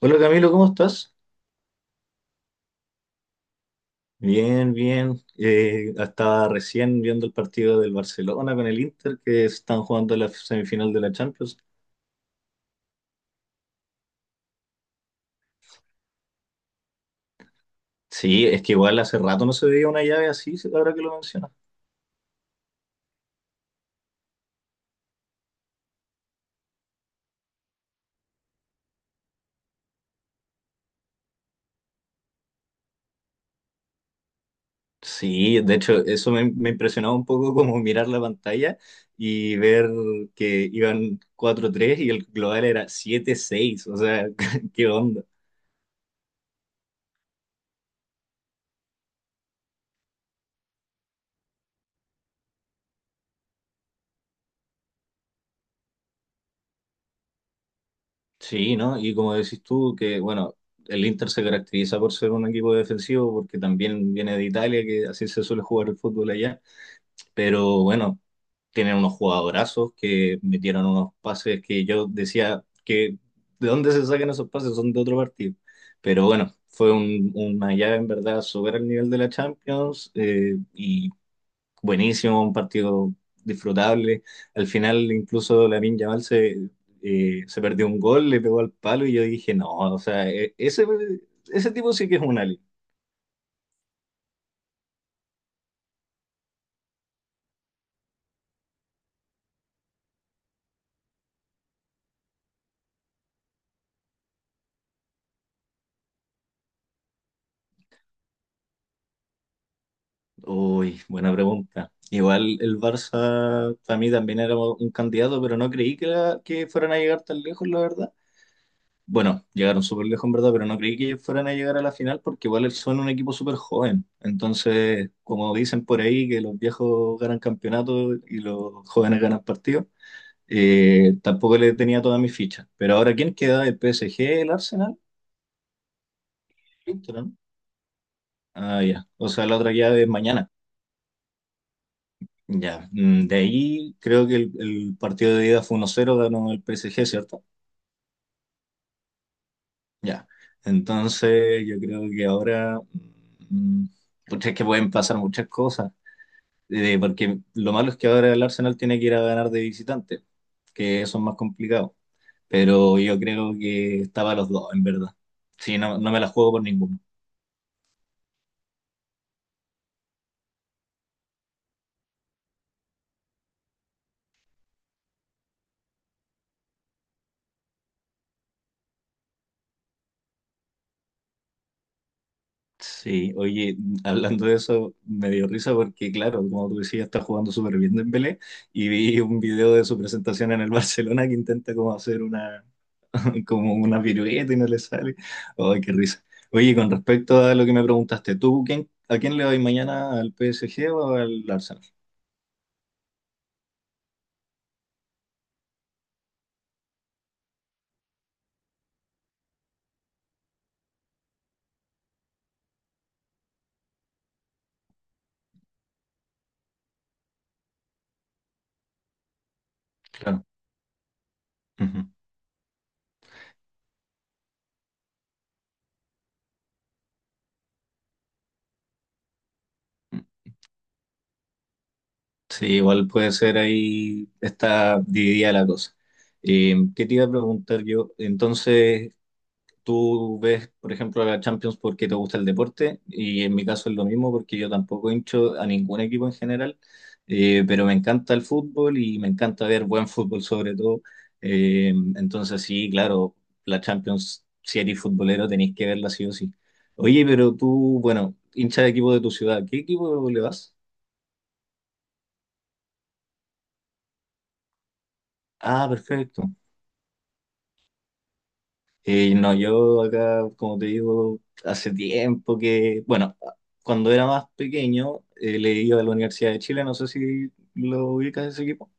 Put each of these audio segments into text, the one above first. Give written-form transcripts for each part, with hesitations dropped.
Hola Camilo, ¿cómo estás? Bien, bien. Estaba recién viendo el partido del Barcelona con el Inter que están jugando la semifinal de la Champions. Sí, es que igual hace rato no se veía una llave así, ahora que lo mencionas. Sí, de hecho, eso me impresionaba un poco como mirar la pantalla y ver que iban 4-3 y el global era 7-6, o sea, ¿qué onda? Sí, ¿no? Y como decís tú, que bueno, el Inter se caracteriza por ser un equipo defensivo, porque también viene de Italia, que así se suele jugar el fútbol allá, pero bueno, tienen unos jugadorazos que metieron unos pases que yo decía que de dónde se sacan esos pases, son de otro partido. Pero bueno, fue una llave en verdad, supera el nivel de la Champions, y buenísimo, un partido disfrutable. Al final, incluso Lamine Yamal se perdió un gol, le pegó al palo y yo dije, no, o sea, ese tipo sí que es un alien. Uy, buena pregunta. Igual el Barça para mí también era un candidato, pero no creí que fueran a llegar tan lejos, la verdad. Bueno, llegaron súper lejos en verdad, pero no creí que fueran a llegar a la final porque igual son un equipo súper joven. Entonces, como dicen por ahí, que los viejos ganan campeonatos y los jóvenes ganan partidos. Tampoco le tenía todas mis fichas. Pero ahora, ¿quién queda? ¿El PSG, el Arsenal? Listo, ¿no? Ah, ya. O sea, la otra llave es mañana. Ya. De ahí creo que el partido de ida fue 1-0, ganó el PSG, ¿cierto? Ya. Entonces, yo creo que ahora, mm, pucha, es que pueden pasar muchas cosas. Porque lo malo es que ahora el Arsenal tiene que ir a ganar de visitante, que eso es más complicado. Pero yo creo que estaba los dos, en verdad. Sí, no, no me la juego por ninguno. Sí, oye, hablando de eso, me dio risa porque, claro, como tú decías, está jugando súper bien Dembélé y vi un video de su presentación en el Barcelona, que intenta como hacer una, como una pirueta y no le sale. Ay, qué risa. Oye, con respecto a lo que me preguntaste, ¿tú quién, a quién le vas mañana? ¿Al PSG o al Arsenal? Claro. Ujú. Sí, igual puede ser, ahí está dividida la cosa. ¿Qué te iba a preguntar yo? Entonces, tú ves, por ejemplo, a la Champions porque te gusta el deporte, y en mi caso es lo mismo porque yo tampoco hincho a ningún equipo en general, pero me encanta el fútbol y me encanta ver buen fútbol sobre todo. Entonces sí, claro, la Champions, si eres futbolero, tenéis que verla sí o sí. Oye, pero tú, bueno, hincha de equipo de tu ciudad, ¿qué equipo le vas? Ah, perfecto. No, yo acá, como te digo, hace tiempo que, bueno, cuando era más pequeño, le iba a la Universidad de Chile, no sé si lo ubicas ese equipo.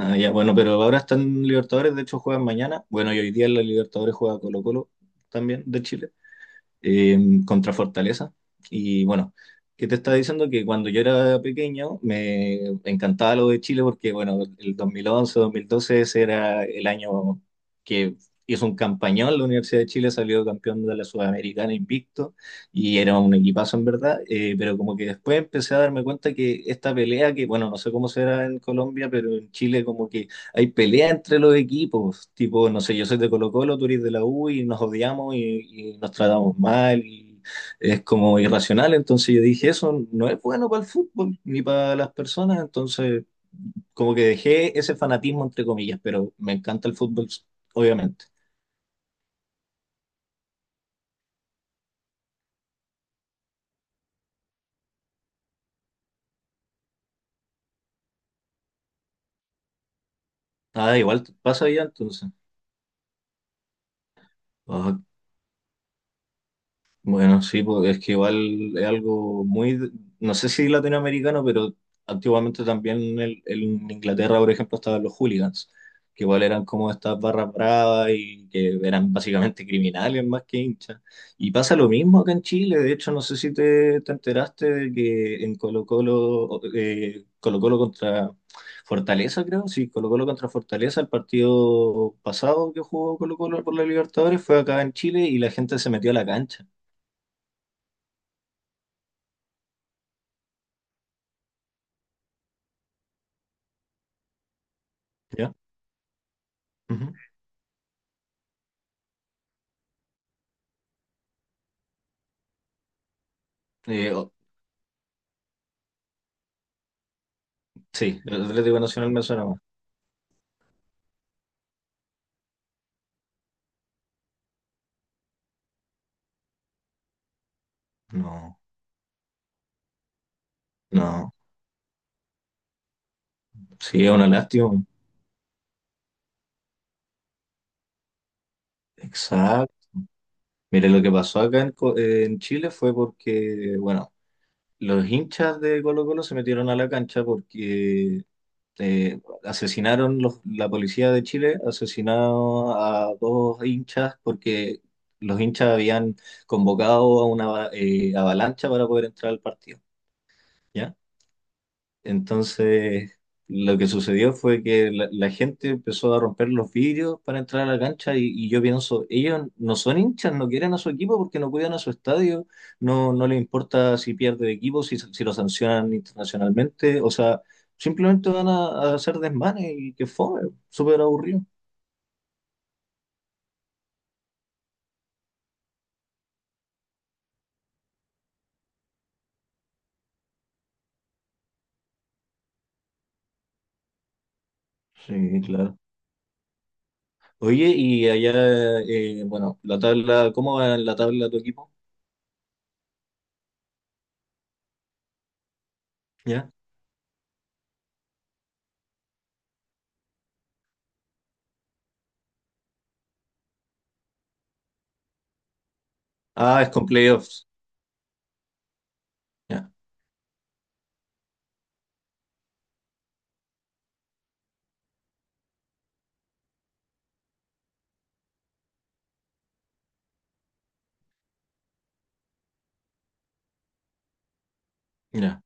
Ah, ya, bueno, pero ahora están en Libertadores, de hecho juegan mañana. Bueno, y hoy día en la Libertadores juega Colo-Colo, también de Chile, eh, contra Fortaleza. Y bueno, ¿qué te estaba diciendo? Que cuando yo era pequeño me encantaba lo de Chile porque, bueno, el 2011, 2012 ese era el año que hizo un campañón. La Universidad de Chile salió campeón de la Sudamericana invicto y era un equipazo, en verdad. Pero como que después empecé a darme cuenta que esta pelea, que bueno, no sé cómo será en Colombia, pero en Chile como que hay pelea entre los equipos, tipo, no sé, yo soy de Colo Colo, tú eres de la U y nos odiamos y nos tratamos mal, y es como irracional. Entonces yo dije, eso no es bueno para el fútbol ni para las personas, entonces como que dejé ese fanatismo entre comillas, pero me encanta el fútbol, obviamente. Ah, igual pasa ya, entonces. Ah, bueno, sí, porque es que igual es algo muy, no sé si latinoamericano, pero antiguamente también en Inglaterra, por ejemplo, estaban los hooligans, que igual eran como estas barras bravas y que eran básicamente criminales más que hinchas. Y pasa lo mismo acá en Chile, de hecho, no sé si te enteraste de que en Colo-Colo, Colo-Colo contra Fortaleza, creo, sí, Colo-Colo contra Fortaleza, el partido pasado que jugó Colo-Colo por la Libertadores fue acá en Chile, y la gente se metió a la cancha. ¿Ya? Ujú. Eh, o- sí, el Atlético Nacional me suena más. No, no. Sí, es una lástima. Exacto. Mire, lo que pasó acá en Chile fue porque, bueno, los hinchas de Colo Colo se metieron a la cancha porque asesinaron la policía de Chile, asesinaron a dos hinchas porque los hinchas habían convocado a una avalancha para poder entrar al partido. ¿Ya? Entonces, lo que sucedió fue que la gente empezó a romper los vidrios para entrar a la cancha, y yo pienso, ellos no son hinchas, no quieren a su equipo porque no cuidan a su estadio, no, no les importa si pierde el equipo, si lo sancionan internacionalmente, o sea, simplemente van a hacer desmanes, y que fue súper aburrido. Sí, claro. Oye, y allá, bueno, la tabla, ¿cómo va en la tabla tu equipo? ¿Ya? Ah, es con playoffs. Ya, ya.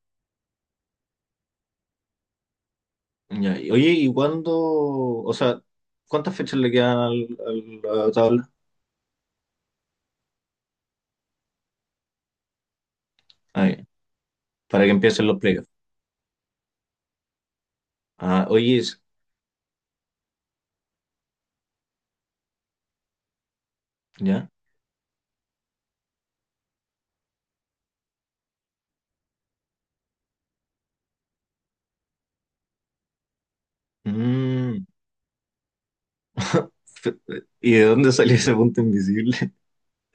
Ya, oye, ¿y cuándo? O sea, ¿cuántas fechas le quedan a la tabla? Ah, ya, para que empiecen los playoffs. Ah, oye, ya. Mm, fe- ¿Y de dónde salió ese punto invisible?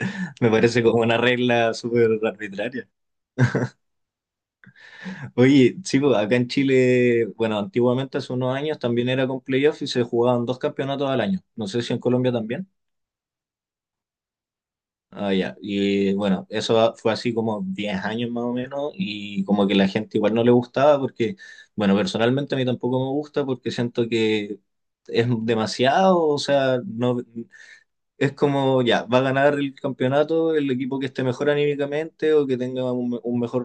Me parece como una regla súper arbitraria. Oye, sí, pues, acá en Chile, bueno, antiguamente hace unos años también era con playoffs y se jugaban dos campeonatos al año. No sé si en Colombia también. Ah, ya. Y bueno, eso fue así como 10 años más o menos, y como que la gente igual no le gustaba porque, bueno, personalmente a mí tampoco me gusta porque siento que es demasiado, o sea, no, es como, ya, va a ganar el campeonato el equipo que esté mejor anímicamente o que tenga un mejor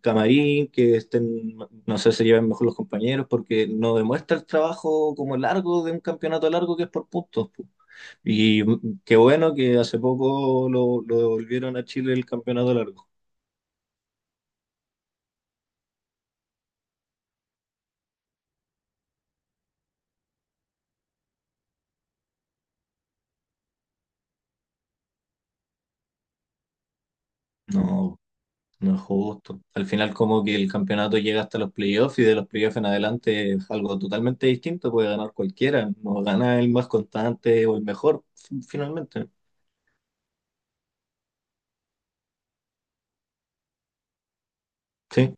camarín, que estén, no sé, se lleven mejor los compañeros, porque no demuestra el trabajo como largo, de un campeonato largo que es por puntos. Y qué bueno que hace poco lo devolvieron a Chile el campeonato largo. No, no es justo. Al final como que el campeonato llega hasta los playoffs, y de los playoffs en adelante es algo totalmente distinto. Puede ganar cualquiera. No gana el más constante o el mejor, finalmente. Sí,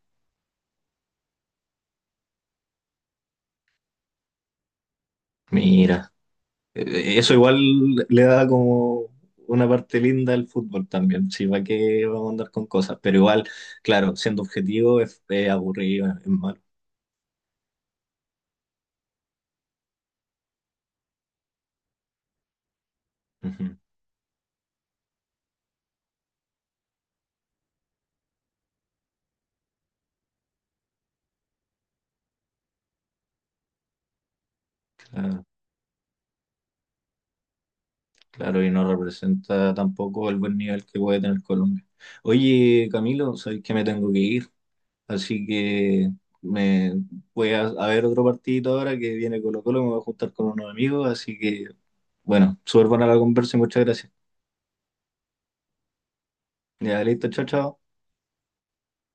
mira. Eso igual le da como una parte linda al fútbol también. Sí, va que vamos a andar con cosas. Pero igual, claro, siendo objetivo es, aburrido, es malo. Ujú. Claro. Claro, y no representa tampoco el buen nivel que puede tener Colombia. Oye, Camilo, sabes que me tengo que ir, así que me voy a ver otro partidito ahora que viene Colo Colo, me voy a juntar con unos amigos, así que bueno, súper buena la conversa y muchas gracias. Ya, listo, chao, chao.